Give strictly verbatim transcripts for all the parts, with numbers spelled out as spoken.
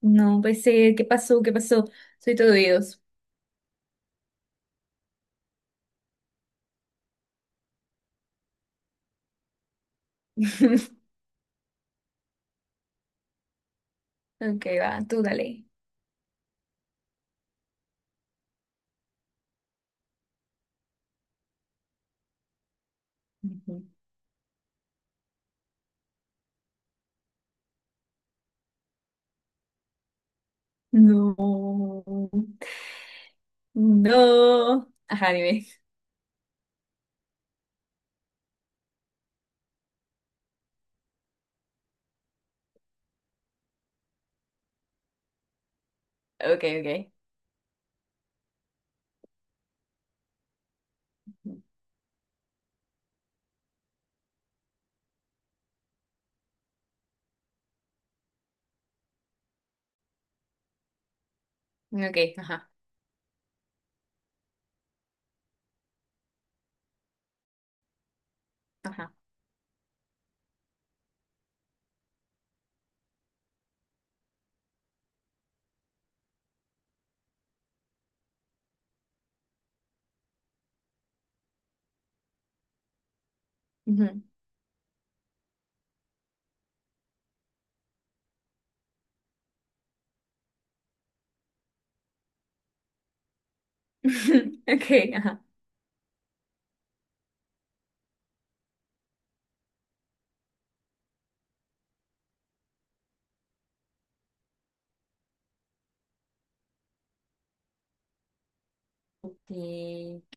No, pues eh, ¿qué pasó? ¿Qué pasó? Soy todo oídos. Ok, va, tú dale. Ujú. No. No. Ajá, dime. Ok, ok. Ok, ajá, ajá. Ujú. Ok, ajá. Ok.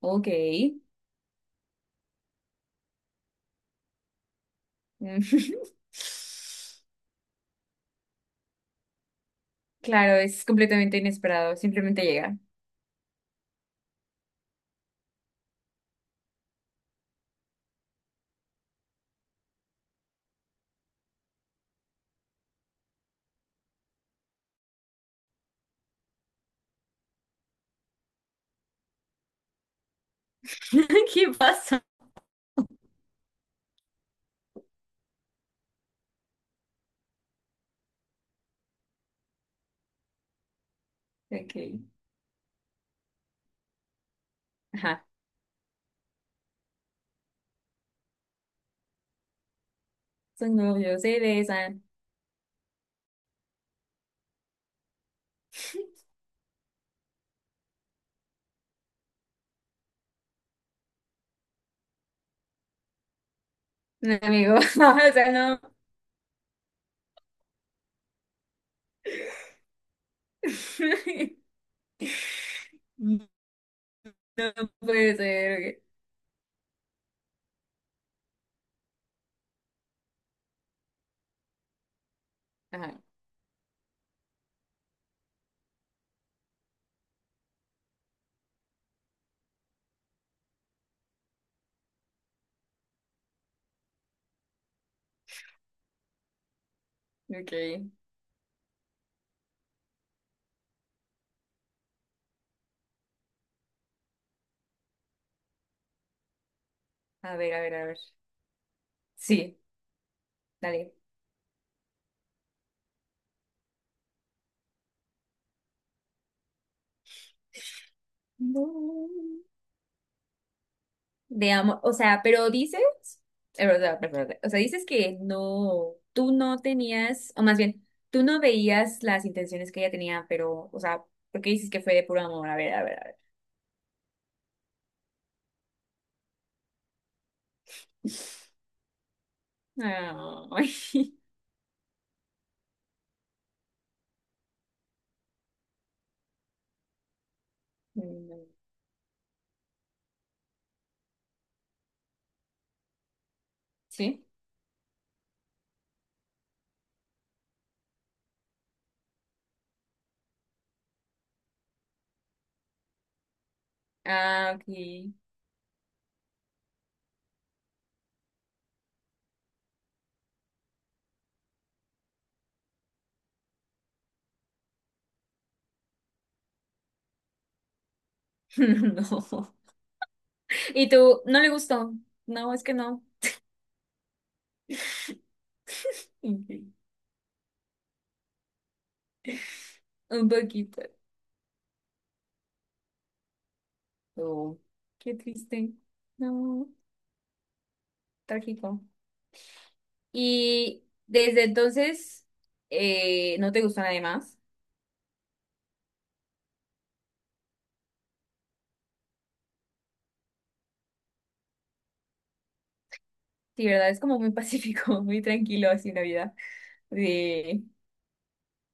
Ok. Claro, es completamente inesperado. Simplemente llega. ¿Qué pasa? Ok. Ajá. Son novios, se besan. Un amigo. O sea, no. No puede ser. Ok. Ajá, ok. A ver, a ver, a ver. Sí, dale. No. De amor, o sea, pero dices, eh, o sea, perdón, perdón, o sea, dices que no, tú no tenías, o más bien, tú no veías las intenciones que ella tenía, pero, o sea, ¿por qué dices que fue de puro amor? A ver, a ver, a ver. Ay. Mm, ¿sí? Ah, ok. No. Y tú, no le gustó. No, es que no. Ok, un poquito. Oh, qué triste. No, trágico. Y desde entonces, eh, ¿no te gustó nadie más? Sí, ¿verdad? Es como muy pacífico, muy tranquilo así la vida. De,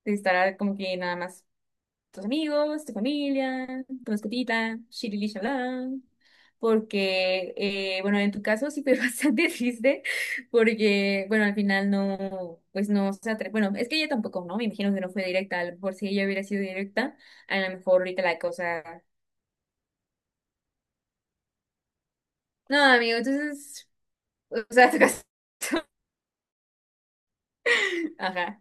de estar como que nada más tus amigos, tu familia, tu mascotita, shirili shalá. Porque, eh, bueno, en tu caso sí fue bastante triste, porque, bueno, al final no, pues no se atre- Bueno, es que ella tampoco, ¿no? Me imagino que no fue directa, a lo mejor si ella hubiera sido directa, a lo mejor ahorita la cosa. No, amigo, entonces, o sea, tu caso. Ajá,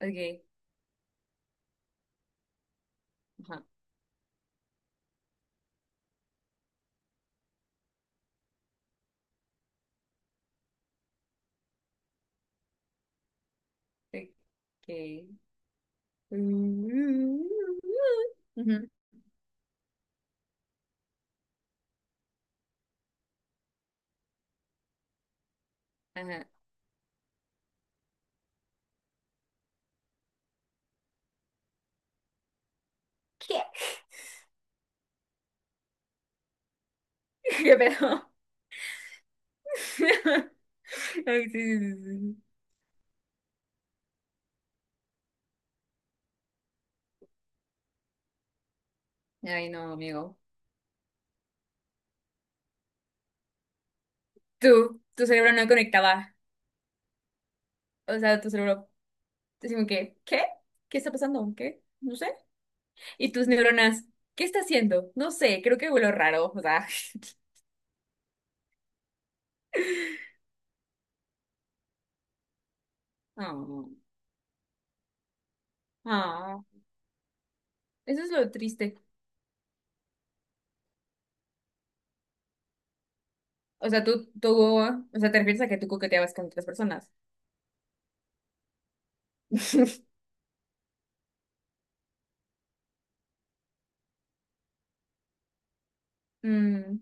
ok, ajá, ok. Ujú, ajá. ¿Qué? ¿Qué pedo? Ay, sí, sí, sí, sí. Ay, no, amigo. Tú, tu cerebro no conectaba. O sea, tu cerebro, decimos que, ¿qué? ¿Qué está pasando? ¿Qué? No sé. Y tus neuronas, ¿qué está haciendo? No sé, creo que huelo raro. O sea, oh, oh. Eso es lo triste. O sea, tú, tú, o sea, te refieres a que tú coqueteabas con otras personas. Mm.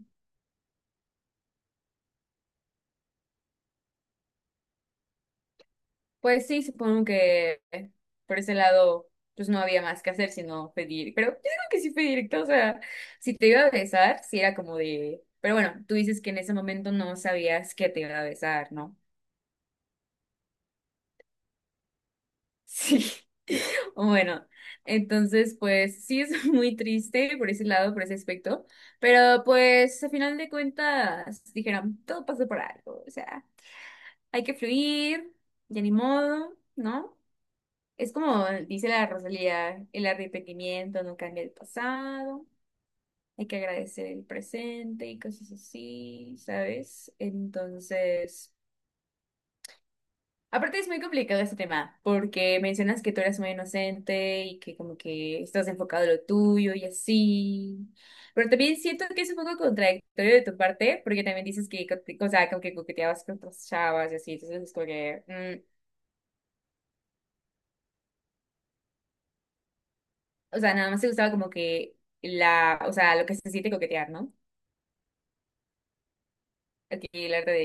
Pues sí, supongo que eh, por ese lado, pues no había más que hacer sino pedir. Pero yo digo que sí fue directo, o sea, si te iba a besar, sí era como de. Pero bueno, tú dices que en ese momento no sabías que te iba a besar, ¿no? Sí. Bueno, entonces, pues sí es muy triste por ese lado, por ese aspecto. Pero pues a final de cuentas, dijeron, todo pasó por algo, o sea, hay que fluir, ya ni modo, ¿no? Es como dice la Rosalía, el arrepentimiento no cambia el pasado, hay que agradecer el presente y cosas así, ¿sabes? Entonces, aparte es muy complicado este tema, porque mencionas que tú eres muy inocente y que como que estás enfocado en lo tuyo y así, pero también siento que es un poco contradictorio de tu parte, porque también dices que, cote- o sea, como que coqueteabas con otras chavas y así, entonces es como que, mm, o sea, nada más te gustaba como que la, o sea, lo que se siente coquetear, ¿no? Aquí el arte de,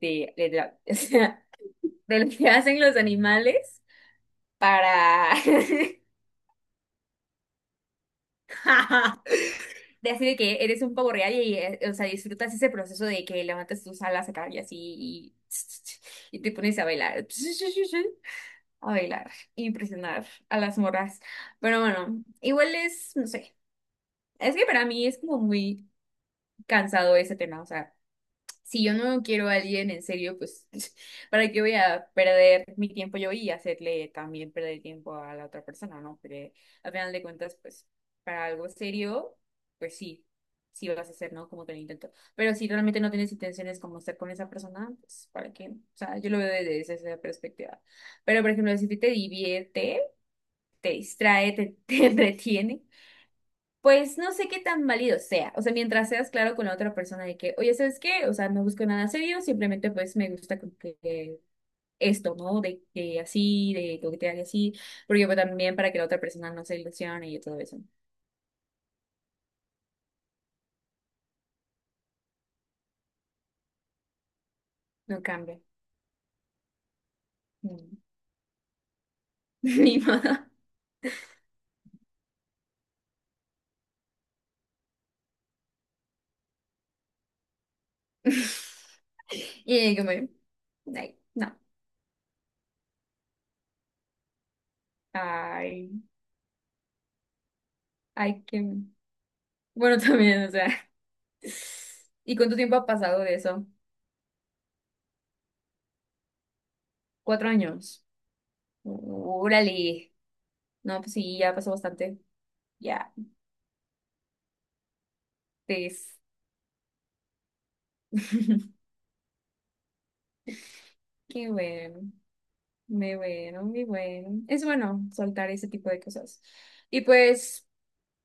de, de, de la- o sea, de lo que hacen los animales para de así de que eres un pavo real y eh, o sea, disfrutas ese proceso de que levantas tus alas acá y así y, y te pones a bailar. A bailar, impresionar a las morras. Pero bueno, igual es, no sé, es que para mí es como muy cansado ese tema, o sea. Si yo no quiero a alguien en serio, pues, ¿para qué voy a perder mi tiempo yo y hacerle también perder tiempo a la otra persona, ¿no? Pero al final de cuentas, pues, para algo serio, pues sí, sí lo vas a hacer, ¿no? Como que lo intento. Pero si realmente no tienes intenciones como estar con esa persona, pues, ¿para qué? O sea, yo lo veo desde esa perspectiva. Pero, por ejemplo, si a ti te divierte, te distrae, te, te entretiene. Pues no sé qué tan válido sea, o sea, mientras seas claro con la otra persona de que, oye, ¿sabes qué? O sea, no busco nada serio, simplemente pues me gusta como que esto, ¿no? De que así, de coquetear y así, porque pues, también para que la otra persona no se ilusione y todo eso. No cambia. Mm. Ni modo. Y como, ay, no, ay, ay, que... Bueno, también, o sea. ¿Y cuánto tiempo ha pasado de eso? Cuatro años. Órale. No, pues sí, ya pasó bastante. Ya, pues. Qué bueno, muy bueno, muy bueno. Es bueno soltar ese tipo de cosas. Y pues,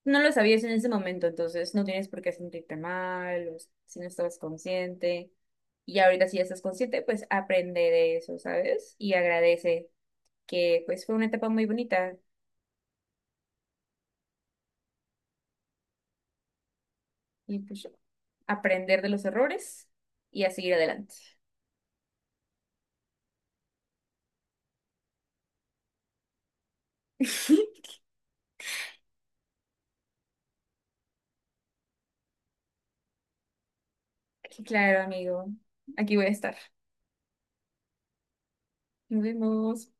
no lo sabías en ese momento, entonces no tienes por qué sentirte mal, o si no estabas consciente. Y ahorita si ya estás consciente, pues aprende de eso, ¿sabes? Y agradece que pues fue una etapa muy bonita. Y pues aprender de los errores y a seguir adelante. Claro, amigo. Aquí voy a estar. Nos vemos.